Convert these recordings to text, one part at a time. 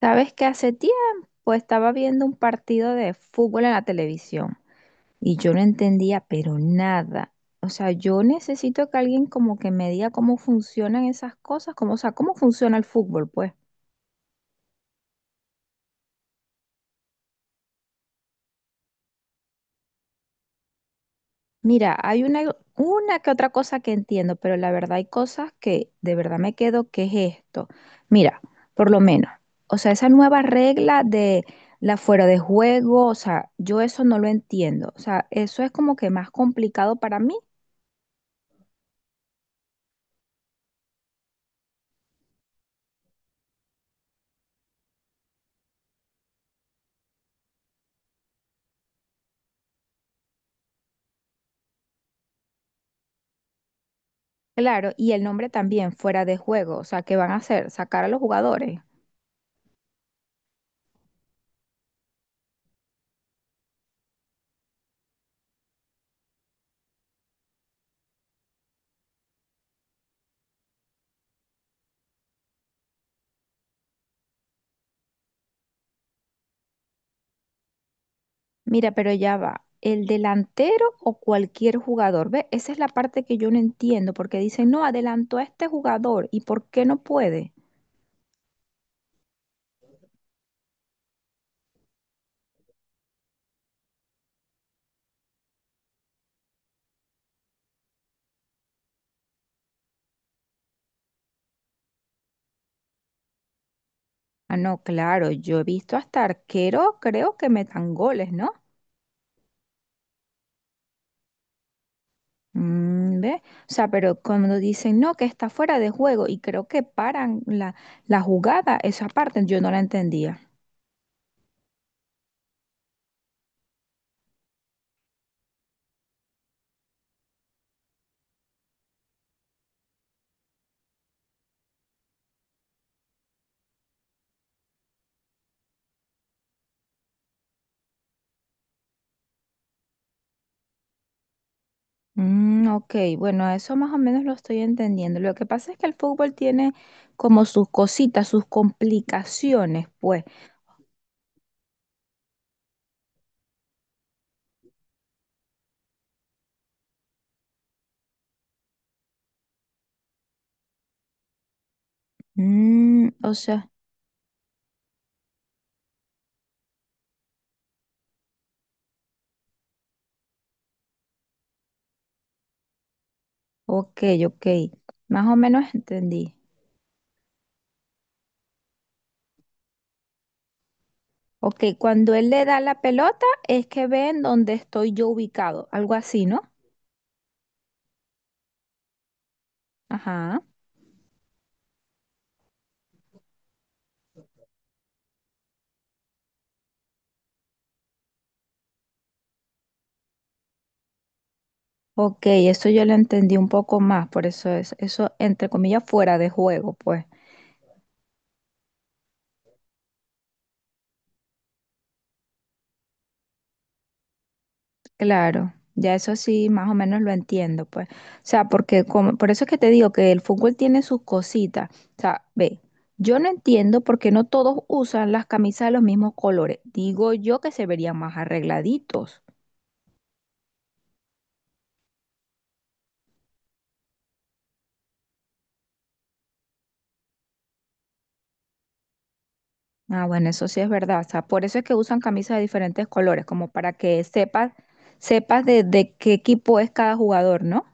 Sabes que hace tiempo estaba viendo un partido de fútbol en la televisión y yo no entendía, pero nada. O sea, yo necesito que alguien como que me diga cómo funcionan esas cosas, cómo, o sea, cómo funciona el fútbol, pues. Mira, hay una que otra cosa que entiendo, pero la verdad hay cosas que de verdad me quedo, ¿qué es esto? Mira, por lo menos, o sea, esa nueva regla de la fuera de juego, o sea, yo eso no lo entiendo. O sea, eso es como que más complicado para mí. Claro, y el nombre también fuera de juego, o sea, ¿qué van a hacer? Sacar a los jugadores. Mira, pero ya va, el delantero o cualquier jugador, ¿ve? Esa es la parte que yo no entiendo, porque dicen, no, adelantó a este jugador, ¿y por qué no puede? Ah, no, claro, yo he visto hasta arquero, creo que metan goles, ¿no? Mm, ¿ve? O sea, pero cuando dicen, no, que está fuera de juego, y creo que paran la jugada, esa parte yo no la entendía. Mm, ok, bueno, eso más o menos lo estoy entendiendo. Lo que pasa es que el fútbol tiene como sus cositas, sus complicaciones, pues. Mm, o sea, ok, ok, más o menos entendí. Ok, cuando él le da la pelota es que ven dónde estoy yo ubicado, algo así, ¿no? Ajá. Ok, eso yo lo entendí un poco más, por eso es, eso entre comillas fuera de juego, pues. Claro, ya eso sí, más o menos lo entiendo, pues. O sea, porque como, por eso es que te digo que el fútbol tiene sus cositas. O sea, ve, yo no entiendo por qué no todos usan las camisas de los mismos colores. Digo yo que se verían más arregladitos. Ah, bueno, eso sí es verdad. O sea, por eso es que usan camisas de diferentes colores, como para que sepas, sepas de qué equipo es cada jugador, ¿no?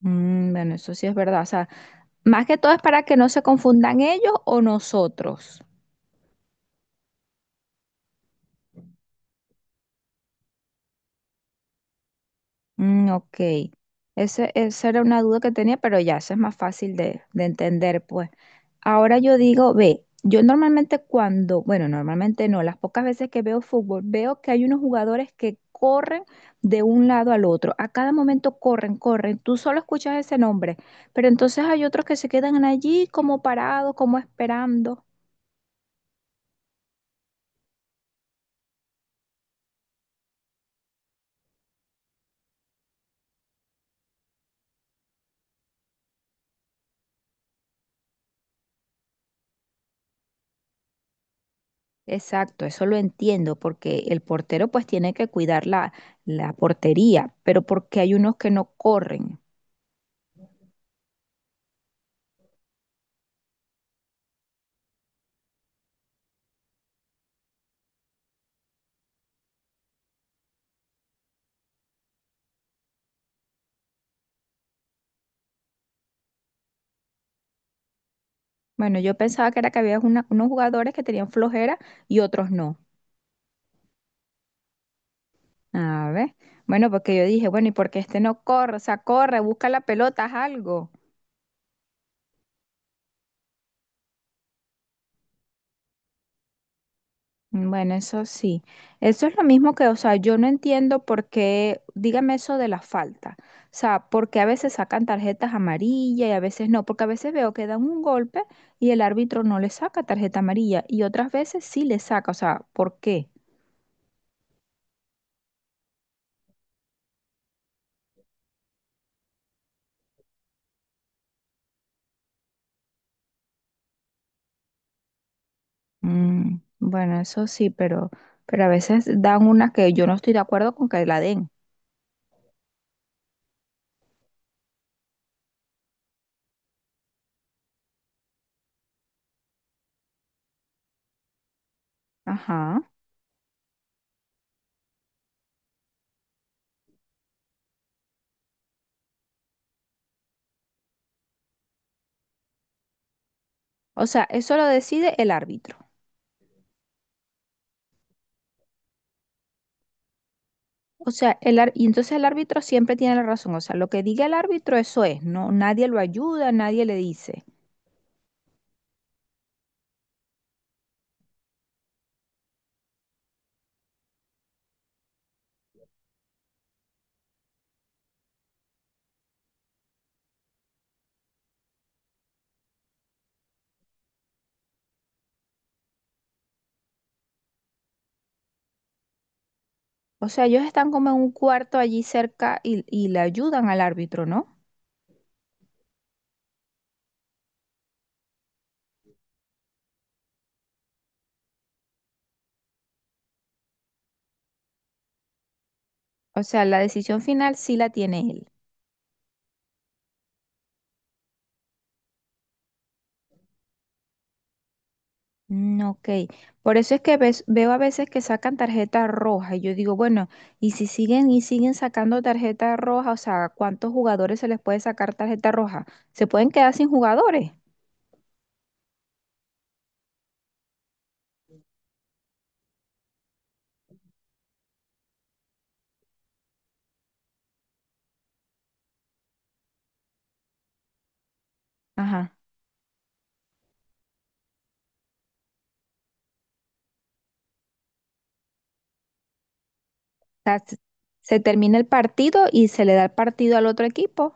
Mm, bueno, eso sí es verdad. O sea, más que todo es para que no se confundan ellos o nosotros. Mm, ok. Ese, esa era una duda que tenía, pero ya, eso es más fácil de entender, pues. Ahora yo digo, ve, yo normalmente cuando, bueno, normalmente no, las pocas veces que veo fútbol, veo que hay unos jugadores que corren de un lado al otro. A cada momento corren, corren. Tú solo escuchas ese nombre, pero entonces hay otros que se quedan allí como parados, como esperando. Exacto, eso lo entiendo, porque el portero pues tiene que cuidar la, la portería, pero porque hay unos que no corren. Bueno, yo pensaba que era que había una- unos jugadores que tenían flojera y otros no. A ver. Bueno, porque yo dije, bueno, ¿y por qué este no corre? O sea, corre, busca la pelota, haz algo. Mm, bueno, eso sí. Eso es lo mismo que, o sea, yo no entiendo por qué, dígame eso de la falta. O sea, porque a veces sacan tarjetas amarillas y a veces no, porque a veces veo que dan un golpe y el árbitro no le saca tarjeta amarilla y otras veces sí le saca. O sea, ¿por qué? Mm, bueno, eso sí, pero a veces dan una que yo no estoy de acuerdo con que la den. Ajá. O sea, eso lo decide el árbitro. O sea, y entonces el árbitro siempre tiene la razón. O sea, lo que diga el árbitro, eso es. No, nadie lo ayuda, nadie le dice. O sea, ellos están como en un cuarto allí cerca y le ayudan al árbitro, ¿no? O sea, la decisión final sí la tiene él. Mm, ok, por eso es que veo a veces que sacan tarjeta roja y yo digo, bueno, y si siguen y siguen sacando tarjeta roja, o sea, ¿cuántos jugadores se les puede sacar tarjeta roja? ¿Se pueden quedar sin jugadores? Ajá. O sea, se termina el partido y se le da el partido al otro equipo.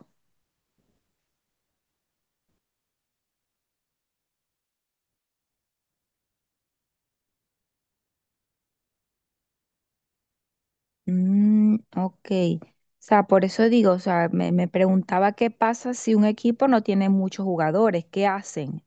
Mm, ok, o sea, por eso digo, o sea, me preguntaba qué pasa si un equipo no tiene muchos jugadores, ¿qué hacen?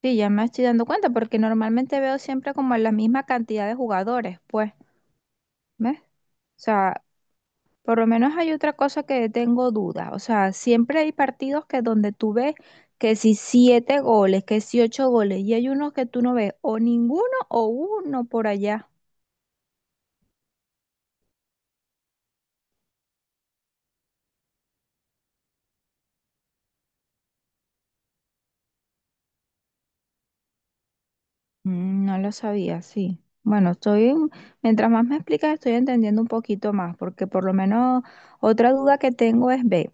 Sí, ya me estoy dando cuenta porque normalmente veo siempre como la misma cantidad de jugadores, pues. ¿Ves? O sea, por lo menos hay otra cosa que tengo dudas. O sea, siempre hay partidos que donde tú ves que si siete goles, que si ocho goles, y hay unos que tú no ves o ninguno o uno por allá. Mm, no lo sabía, sí. Bueno, mientras más me explicas, estoy entendiendo un poquito más, porque por lo menos otra duda que tengo es, ve.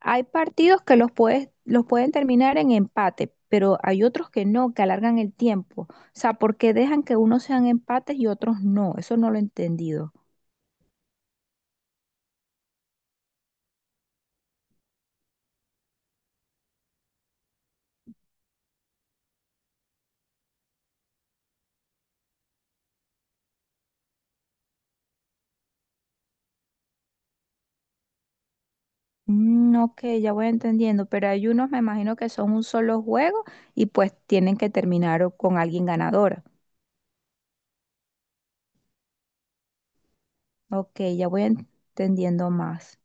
Hay partidos que los puedes, los pueden terminar en empate, pero hay otros que no, que alargan el tiempo. O sea, porque dejan que unos sean empates y otros no? Eso no lo he entendido. Mm, ok, ya voy entendiendo, pero hay unos, me imagino que son un solo juego y pues tienen que terminar con alguien ganador. Ok, ya voy entendiendo más.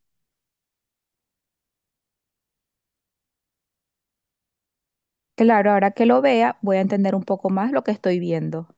Claro, ahora que lo vea, voy a entender un poco más lo que estoy viendo.